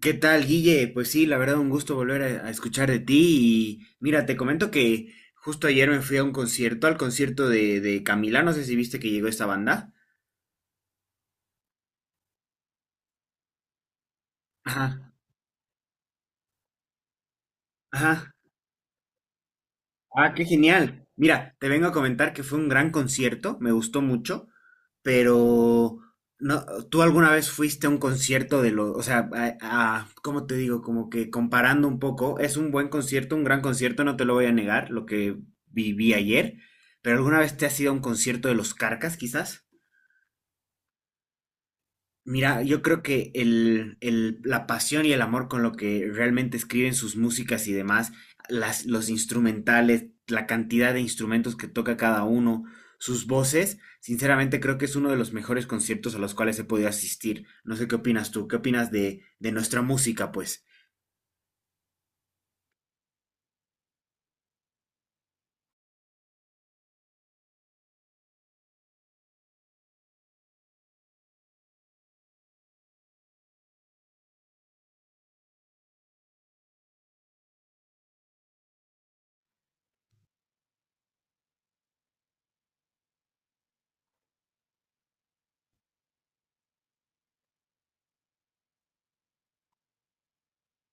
¿Qué tal, Guille? Pues sí, la verdad, un gusto volver a escuchar de ti. Y mira, te comento que justo ayer me fui a un concierto, al concierto de Camila, no sé si viste que llegó esta banda. Ajá, ajá. Ah, qué genial. Mira, te vengo a comentar que fue un gran concierto, me gustó mucho, pero no, ¿tú alguna vez fuiste a un concierto de los, o sea, ¿cómo te digo? Como que comparando un poco, es un buen concierto, un gran concierto, no te lo voy a negar, lo que viví ayer, pero ¿alguna vez te has ido a un concierto de los Carcas, quizás? Mira, yo creo que la pasión y el amor con lo que realmente escriben sus músicas y demás, los instrumentales, la cantidad de instrumentos que toca cada uno, sus voces, sinceramente creo que es uno de los mejores conciertos a los cuales he podido asistir. No sé qué opinas tú, qué opinas de nuestra música, pues.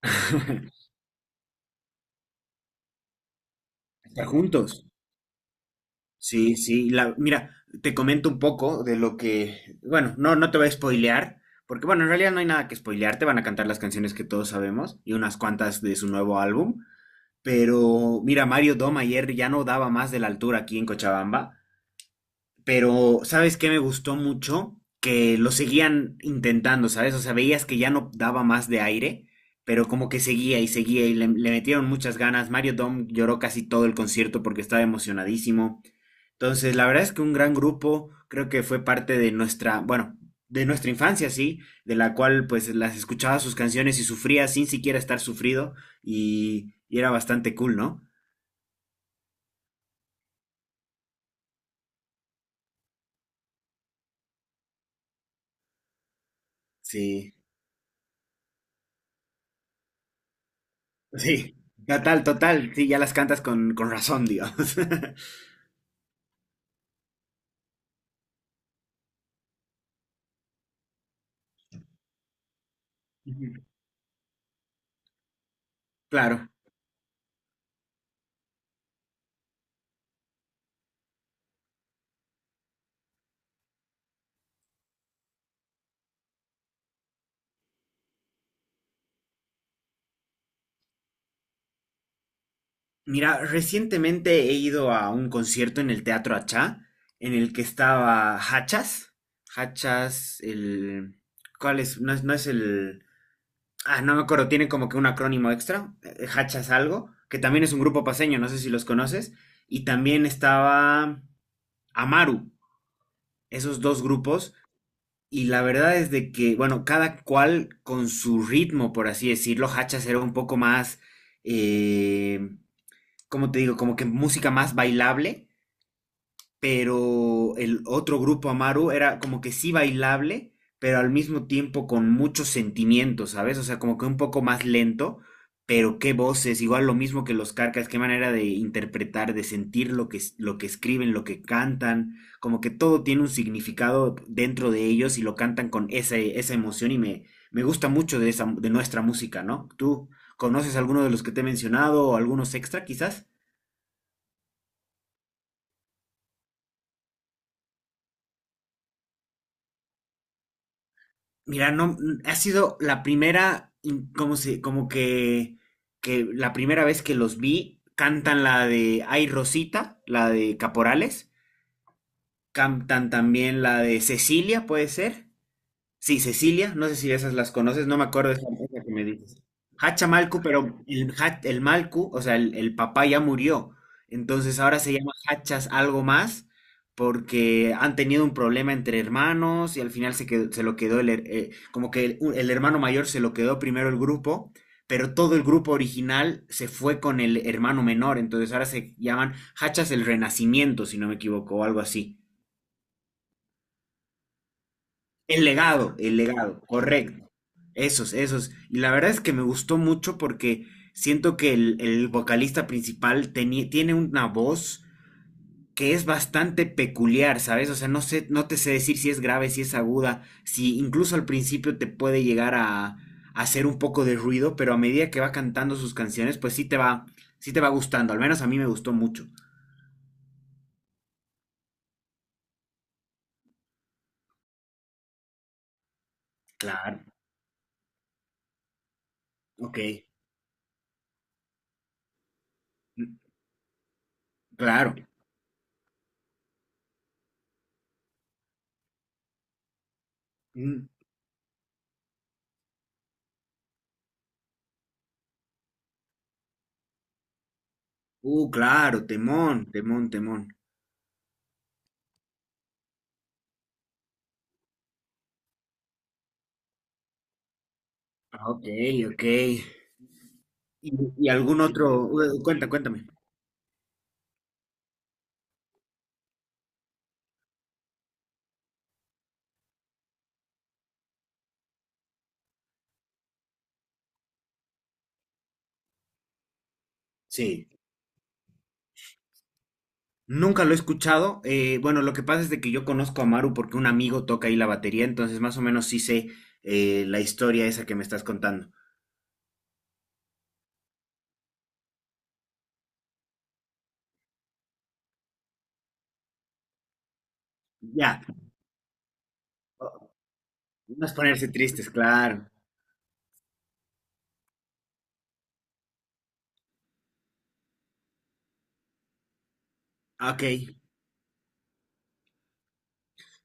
Estar juntos. Sí, sí, mira, te comento un poco de lo que, bueno, no te voy a spoilear, porque bueno, en realidad no hay nada que spoilear, te van a cantar las canciones que todos sabemos y unas cuantas de su nuevo álbum, pero mira, Mario Dom ayer ya no daba más de la altura aquí en Cochabamba, pero ¿sabes qué me gustó mucho? Que lo seguían intentando, ¿sabes? O sea, veías que ya no daba más de aire, pero como que seguía y seguía y le metieron muchas ganas. Mario Dom lloró casi todo el concierto porque estaba emocionadísimo. Entonces, la verdad es que un gran grupo, creo que fue parte de nuestra, bueno, de nuestra infancia, sí, de la cual pues las escuchaba sus canciones y sufría sin siquiera estar sufrido y era bastante cool, ¿no? Sí, sí, total, total, sí, ya las cantas con razón, digamos. Ujú. Claro. Mira, recientemente he ido a un concierto en el Teatro Achá, en el que estaba Hachas. Hachas, el... ¿Cuál es? No es, no es el... Ah, no me acuerdo, tiene como que un acrónimo extra, Hachas algo, que también es un grupo paseño, no sé si los conoces, y también estaba Amaru, esos dos grupos, y la verdad es de que, bueno, cada cual con su ritmo, por así decirlo, Hachas era un poco más, eh, ¿cómo te digo? Como que música más bailable, pero el otro grupo Amaru era como que sí bailable, pero al mismo tiempo con mucho sentimiento, ¿sabes? O sea, como que un poco más lento, pero qué voces, igual lo mismo que los Carcas, qué manera de interpretar, de sentir lo que, lo que escriben, lo que cantan, como que todo tiene un significado dentro de ellos y lo cantan con esa, esa emoción y me gusta mucho de esa, de nuestra música, ¿no? ¿Tú conoces alguno de los que te he mencionado o algunos extra quizás? Mira, no, ha sido la primera, como se, como que, la primera vez que los vi, cantan la de Ay Rosita, la de Caporales, cantan también la de Cecilia, puede ser, sí, Cecilia, no sé si esas las conoces, no me acuerdo de esa que me dices. Hachamalcu, pero el Malcu, o sea, el papá ya murió. Entonces ahora se llama Hachas algo más porque han tenido un problema entre hermanos y al final se lo quedó como que el hermano mayor se lo quedó primero el grupo, pero todo el grupo original se fue con el hermano menor. Entonces ahora se llaman Hachas el Renacimiento, si no me equivoco, o algo así. El legado, correcto. Esos, esos. Y la verdad es que me gustó mucho porque siento que el vocalista principal tiene una voz que es bastante peculiar, ¿sabes? O sea, no sé, no te sé decir si es grave, si es aguda, si incluso al principio te puede llegar a hacer un poco de ruido, pero a medida que va cantando sus canciones, pues sí te va gustando. Al menos a mí me gustó mucho. Claro, ok. Mm, claro. Mm, claro, temón, temón, temón. Ok, ok. ¿Y, y algún otro? Cuenta, cuéntame. Sí. Nunca lo he escuchado. Bueno, lo que pasa es de que yo conozco a Maru porque un amigo toca ahí la batería, entonces más o menos sí sé la historia esa que me estás contando. Ya, no es ponerse tristes, claro. Ok,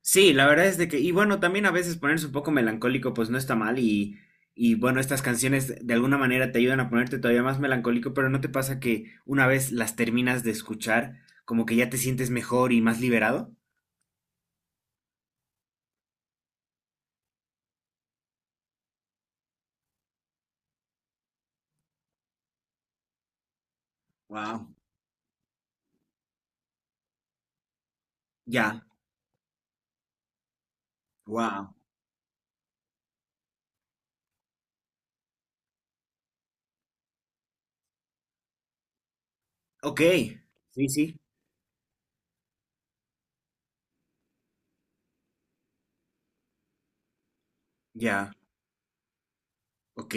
sí, la verdad es de que, y bueno, también a veces ponerse un poco melancólico, pues no está mal, y bueno, estas canciones de alguna manera te ayudan a ponerte todavía más melancólico, pero ¿no te pasa que una vez las terminas de escuchar, como que ya te sientes mejor y más liberado? Wow, ya, wow. Ok, sí, sí, ya, ok,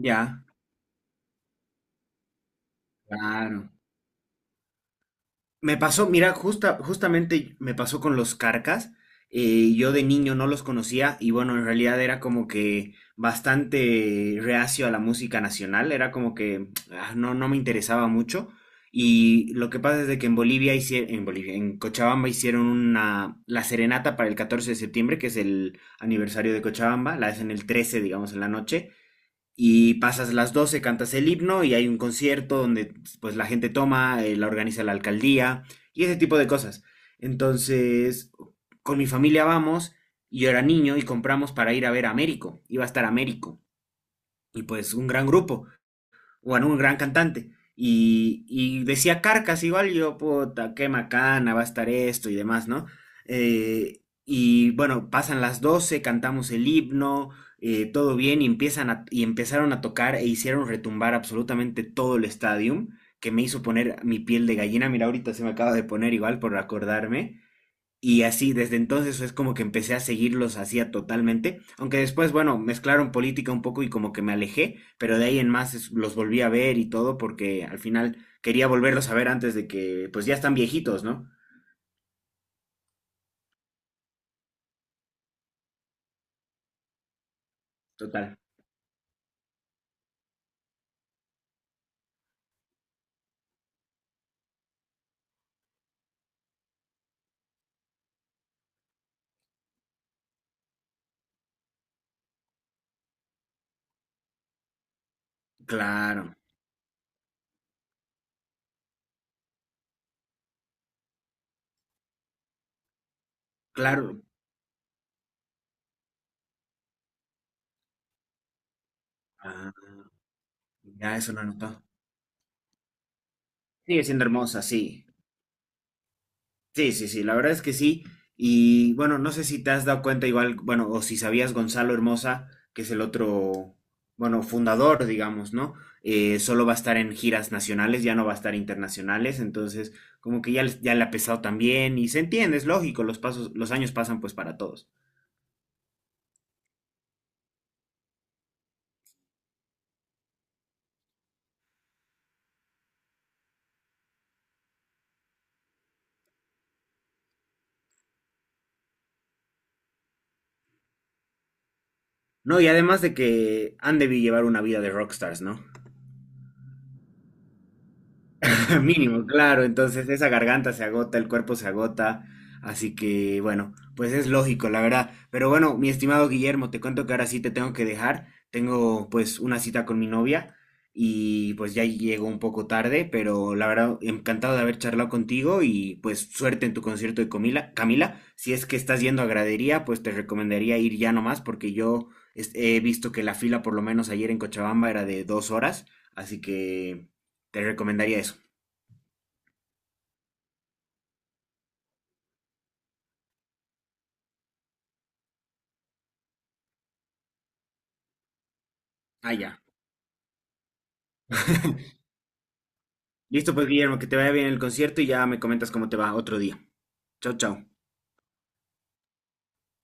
ya, claro. Me pasó, mira, justamente me pasó con los Carcas. Yo de niño no los conocía y bueno, en realidad era como que bastante reacio a la música nacional, era como que ah, no me interesaba mucho. Y lo que pasa es de que en Bolivia hicieron, en Bolivia, en Cochabamba hicieron una, la serenata para el 14 de septiembre, que es el aniversario de Cochabamba, la hacen el 13 digamos, en la noche y pasas las 12, cantas el himno y hay un concierto donde pues la gente toma, la organiza la alcaldía y ese tipo de cosas. Entonces, con mi familia vamos, y yo era niño y compramos para ir a ver a Américo, iba a estar Américo y pues un gran grupo bueno, un gran cantante. Y decía Carcas igual, y yo, puta, qué macana, va a estar esto y demás, ¿no? Y bueno, pasan las 12 cantamos el himno, todo bien, y empezaron a tocar e hicieron retumbar absolutamente todo el estadio, que me hizo poner mi piel de gallina. Mira, ahorita se me acaba de poner igual por acordarme. Y así, desde entonces es como que empecé a seguirlos hacía totalmente, aunque después, bueno, mezclaron política un poco y como que me alejé, pero de ahí en más los volví a ver y todo porque al final quería volverlos a ver antes de que, pues ya están viejitos, ¿no? Total. Claro, claro. Ah, ya eso lo he notado. Sigue siendo hermosa, sí. Sí, sí, sí, la verdad es que sí. Y bueno, no sé si te has dado cuenta igual, bueno, o si sabías Gonzalo Hermosa, que es el otro, bueno, fundador, digamos, ¿no? Solo va a estar en giras nacionales, ya no va a estar internacionales, entonces como que ya, ya le ha pesado también y se entiende, es lógico, los pasos, los años pasan pues para todos. No, y además de que han de llevar una vida de rockstars, ¿no? Mínimo, claro. Entonces esa garganta se agota, el cuerpo se agota. Así que bueno, pues es lógico, la verdad. Pero bueno, mi estimado Guillermo, te cuento que ahora sí te tengo que dejar. Tengo pues una cita con mi novia y pues ya llego un poco tarde, pero la verdad, encantado de haber charlado contigo y pues suerte en tu concierto de Camila. Si es que estás yendo a gradería, pues te recomendaría ir ya nomás porque yo he visto que la fila por lo menos ayer en Cochabamba era de 2 horas, así que te recomendaría eso. Ah, ya. Listo, pues Guillermo, que te vaya bien el concierto y ya me comentas cómo te va otro día. Chao, chao.